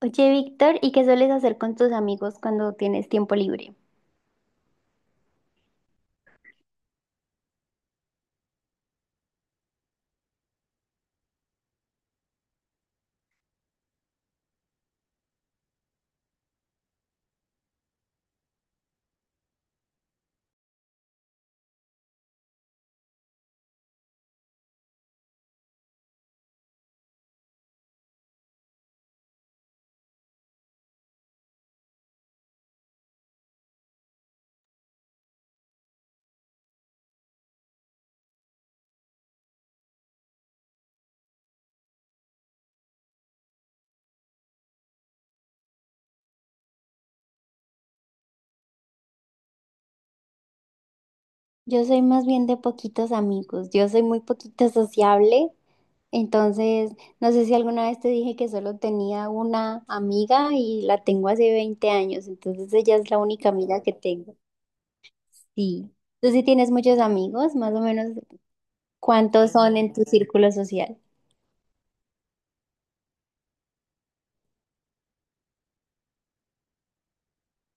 Oye, Víctor, ¿y qué sueles hacer con tus amigos cuando tienes tiempo libre? Yo soy más bien de poquitos amigos, yo soy muy poquito sociable, entonces no sé si alguna vez te dije que solo tenía una amiga y la tengo hace 20 años, entonces ella es la única amiga que tengo. Sí. ¿Tú sí tienes muchos amigos? Más o menos, ¿cuántos son en tu círculo social?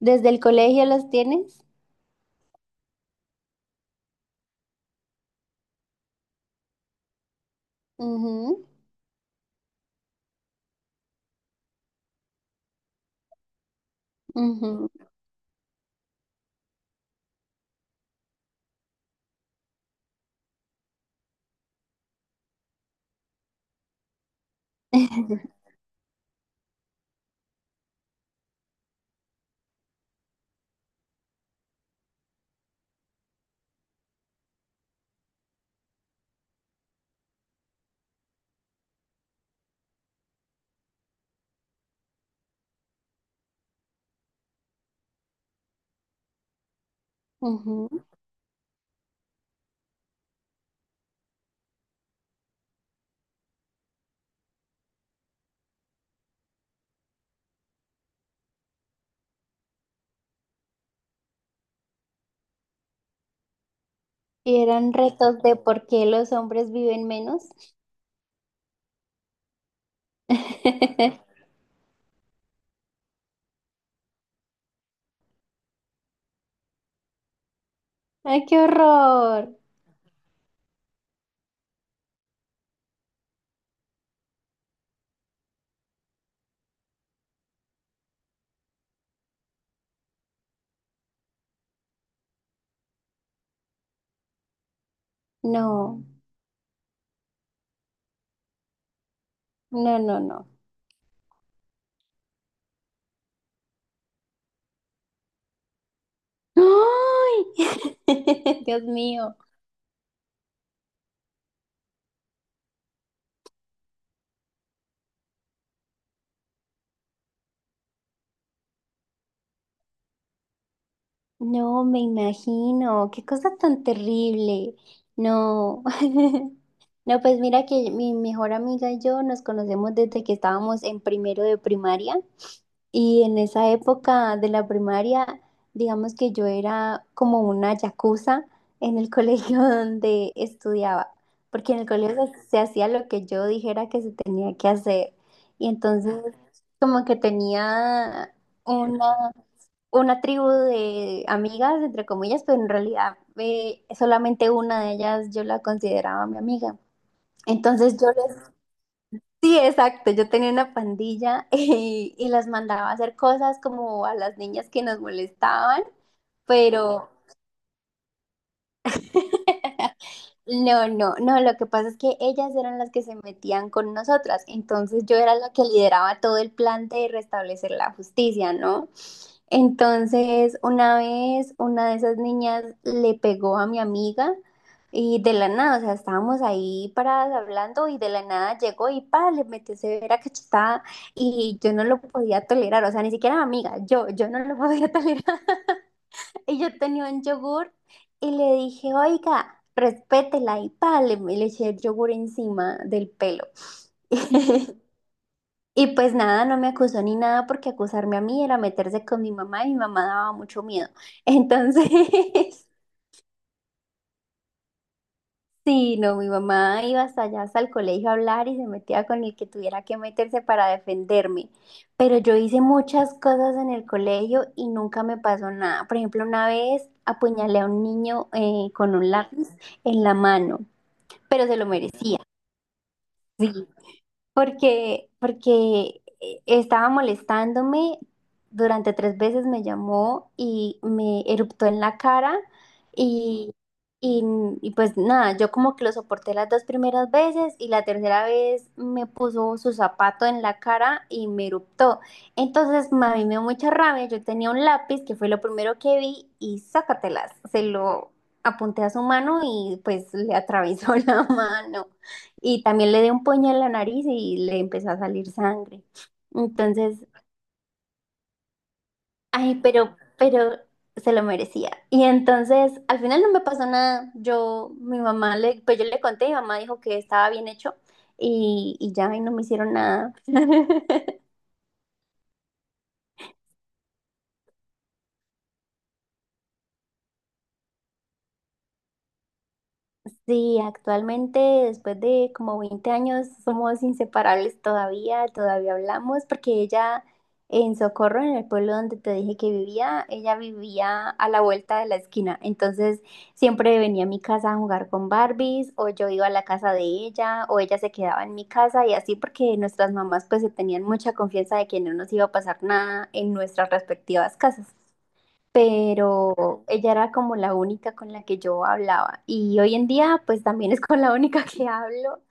¿Desde el colegio los tienes? Ujú, ujú, ujú. Y eran retos de por qué los hombres viven menos. ¡Ay, qué horror! No, no. ¡Ay! Dios mío. No, me imagino. Qué cosa tan terrible. No. No, pues mira que mi mejor amiga y yo nos conocemos desde que estábamos en primero de primaria. Y en esa época de la primaria, digamos que yo era como una yakuza en el colegio donde estudiaba, porque en el colegio se hacía lo que yo dijera que se tenía que hacer. Y entonces como que tenía una, una tribu de amigas, entre comillas, pero en realidad solamente una de ellas yo la consideraba mi amiga. Entonces yo les... Sí, exacto. Yo tenía una pandilla y las mandaba a hacer cosas como a las niñas que nos molestaban, pero No. Lo que pasa es que ellas eran las que se metían con nosotras. Entonces yo era la que lideraba todo el plan de restablecer la justicia, ¿no? Entonces, una vez una de esas niñas le pegó a mi amiga y de la nada, o sea, estábamos ahí paradas hablando y de la nada llegó y pa, le metió severa cachetada y yo no lo podía tolerar, o sea, ni siquiera mi amiga, yo no lo podía tolerar. Y yo tenía un yogur y le dije, oiga, respétela y pa, le eché el yogur encima del pelo. Y pues nada, no me acusó ni nada porque acusarme a mí era meterse con mi mamá y mi mamá daba mucho miedo. Entonces, sí, no, mi mamá iba hasta allá, hasta el colegio a hablar y se metía con el que tuviera que meterse para defenderme. Pero yo hice muchas cosas en el colegio y nunca me pasó nada. Por ejemplo, una vez apuñalé a un niño con un lápiz en la mano, pero se lo merecía. ¿Sí? Porque estaba molestándome, durante 3 veces me llamó y me eruptó en la cara y, y, y pues nada, yo como que lo soporté las dos primeras veces y la tercera vez me puso su zapato en la cara y me eruptó. Entonces ma, a mí me dio mucha rabia, yo tenía un lápiz que fue lo primero que vi y sácatelas, se lo apunté a su mano y pues le atravesó la mano y también le dio un puño en la nariz y le empezó a salir sangre. Entonces, ay, pero se lo merecía. Y entonces, al final no me pasó nada. Yo, mi mamá, le, Pues yo le conté, mi mamá dijo que estaba bien hecho y y no me hicieron nada. Sí, actualmente, después de como 20 años, somos inseparables todavía, todavía hablamos, porque ella en Socorro, en el pueblo donde te dije que vivía, ella vivía a la vuelta de la esquina. Entonces, siempre venía a mi casa a jugar con Barbies, o yo iba a la casa de ella, o ella se quedaba en mi casa, y así porque nuestras mamás pues se tenían mucha confianza de que no nos iba a pasar nada en nuestras respectivas casas, pero ella era como la única con la que yo hablaba y hoy en día pues también es con la única que hablo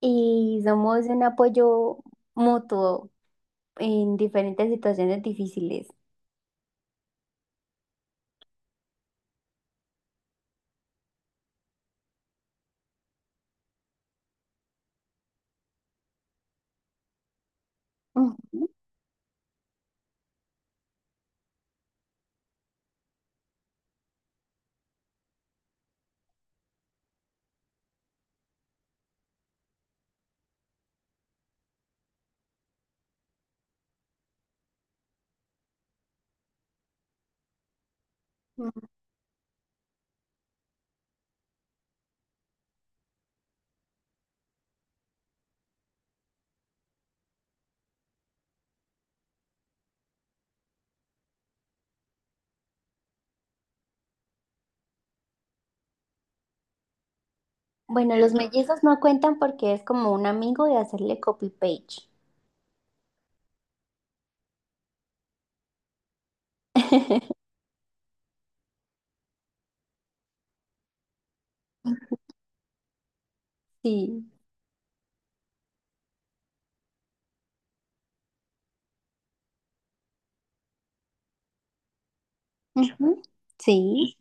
y somos un apoyo mutuo en diferentes situaciones difíciles. Ujú. Bueno, los mellizos no cuentan porque es como un amigo de hacerle copy page. Sí. Ujú. Sí.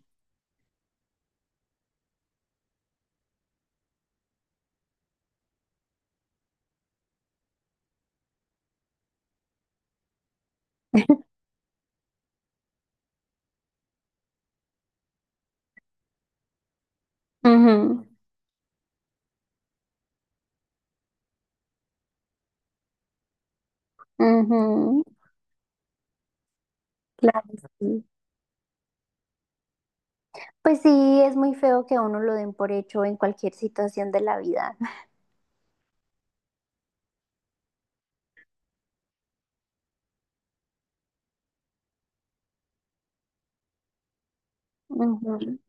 Ujú. Ujú. Claro, sí. Pues sí, es muy feo que a uno lo den por hecho en cualquier situación de la vida.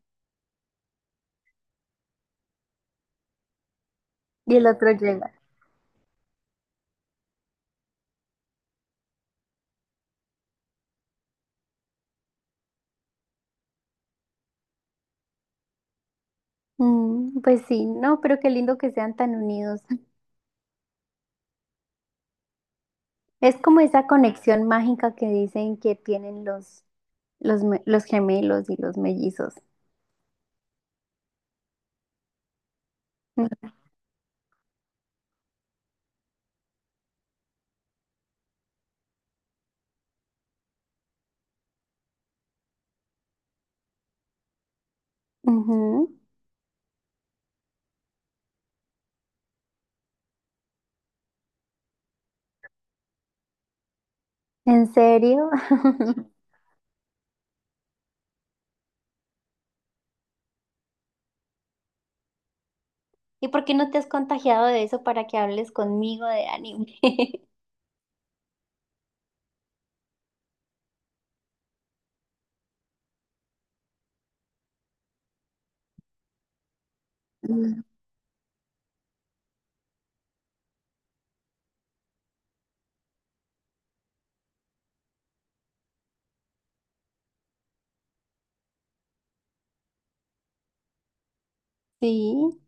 Y el otro llega. Mm, pues sí, no, pero qué lindo que sean tan unidos. Es como esa conexión mágica que dicen que tienen los gemelos y los mellizos. Mm, ujú. ¿En serio? ¿Y por qué no te has contagiado de eso para que hables conmigo de anime? Mm. Sí.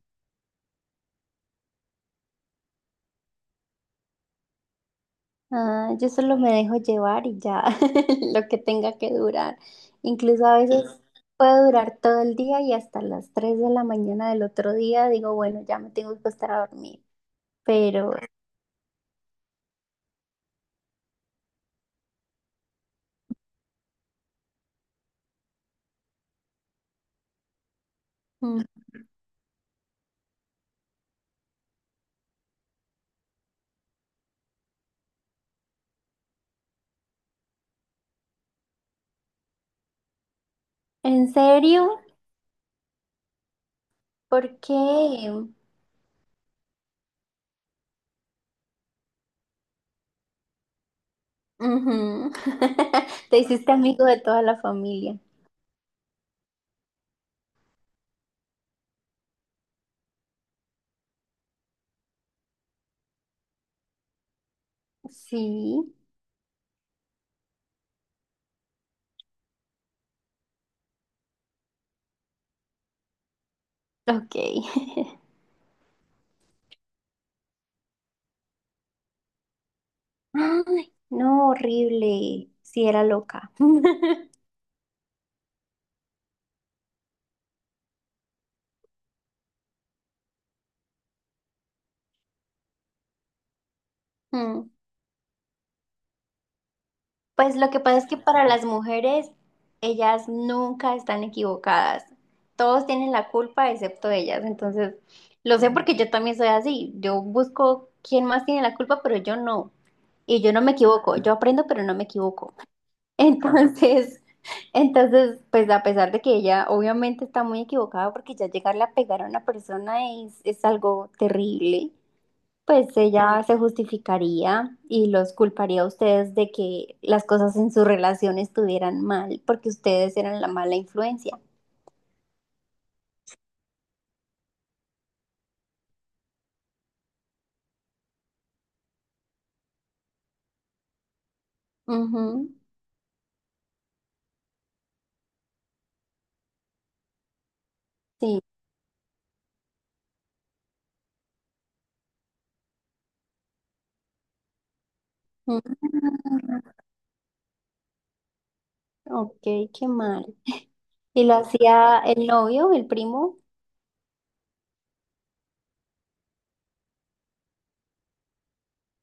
Ah, yo solo me dejo llevar y ya lo que tenga que durar. Incluso a veces puedo durar todo el día y hasta las 3 de la mañana del otro día digo, bueno, ya me tengo que acostar a dormir. Pero, mm, ¿en serio? ¿Por qué? Ujú. Te hiciste amigo de toda la familia. Sí, ok. Ay, no, horrible. Sí, era loca. Mm. Pues lo que pasa es que para las mujeres, ellas nunca están equivocadas. Todos tienen la culpa excepto ellas. Entonces, lo sé porque yo también soy así. Yo busco quién más tiene la culpa, pero yo no. Y yo no me equivoco. Yo aprendo, pero no me equivoco. Entonces, entonces, pues a pesar de que ella obviamente está muy equivocada porque ya llegarle a pegar a una persona es algo terrible. Pues ella se justificaría y los culparía a ustedes de que las cosas en su relación estuvieran mal, porque ustedes eran la mala influencia. Ujú, sí. Mm, ok, qué mal. ¿Y lo hacía el novio, el primo?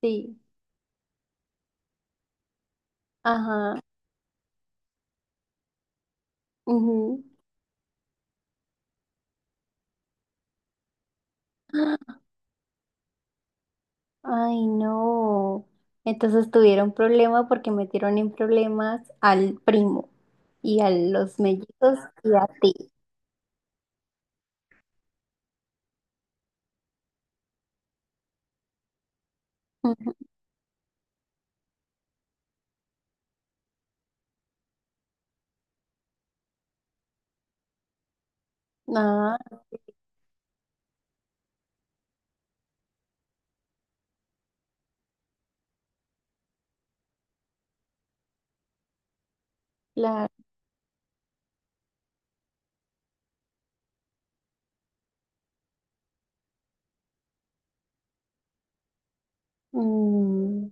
Sí. Ajá. Ujú. Ay, no. Entonces tuvieron problema porque metieron en problemas al primo y a los mellizos y a ti. Ujú. Ah, claro. Mm,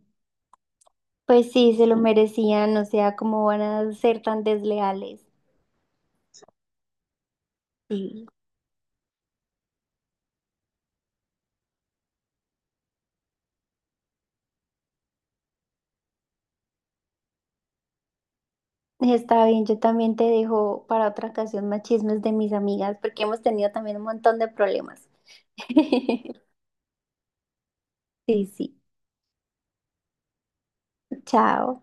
pues sí, se lo merecían, o sea, ¿cómo van a ser tan desleales? Sí, está bien, yo también te dejo para otra ocasión más chismes de mis amigas, porque hemos tenido también un montón de problemas. Sí, sí, chao.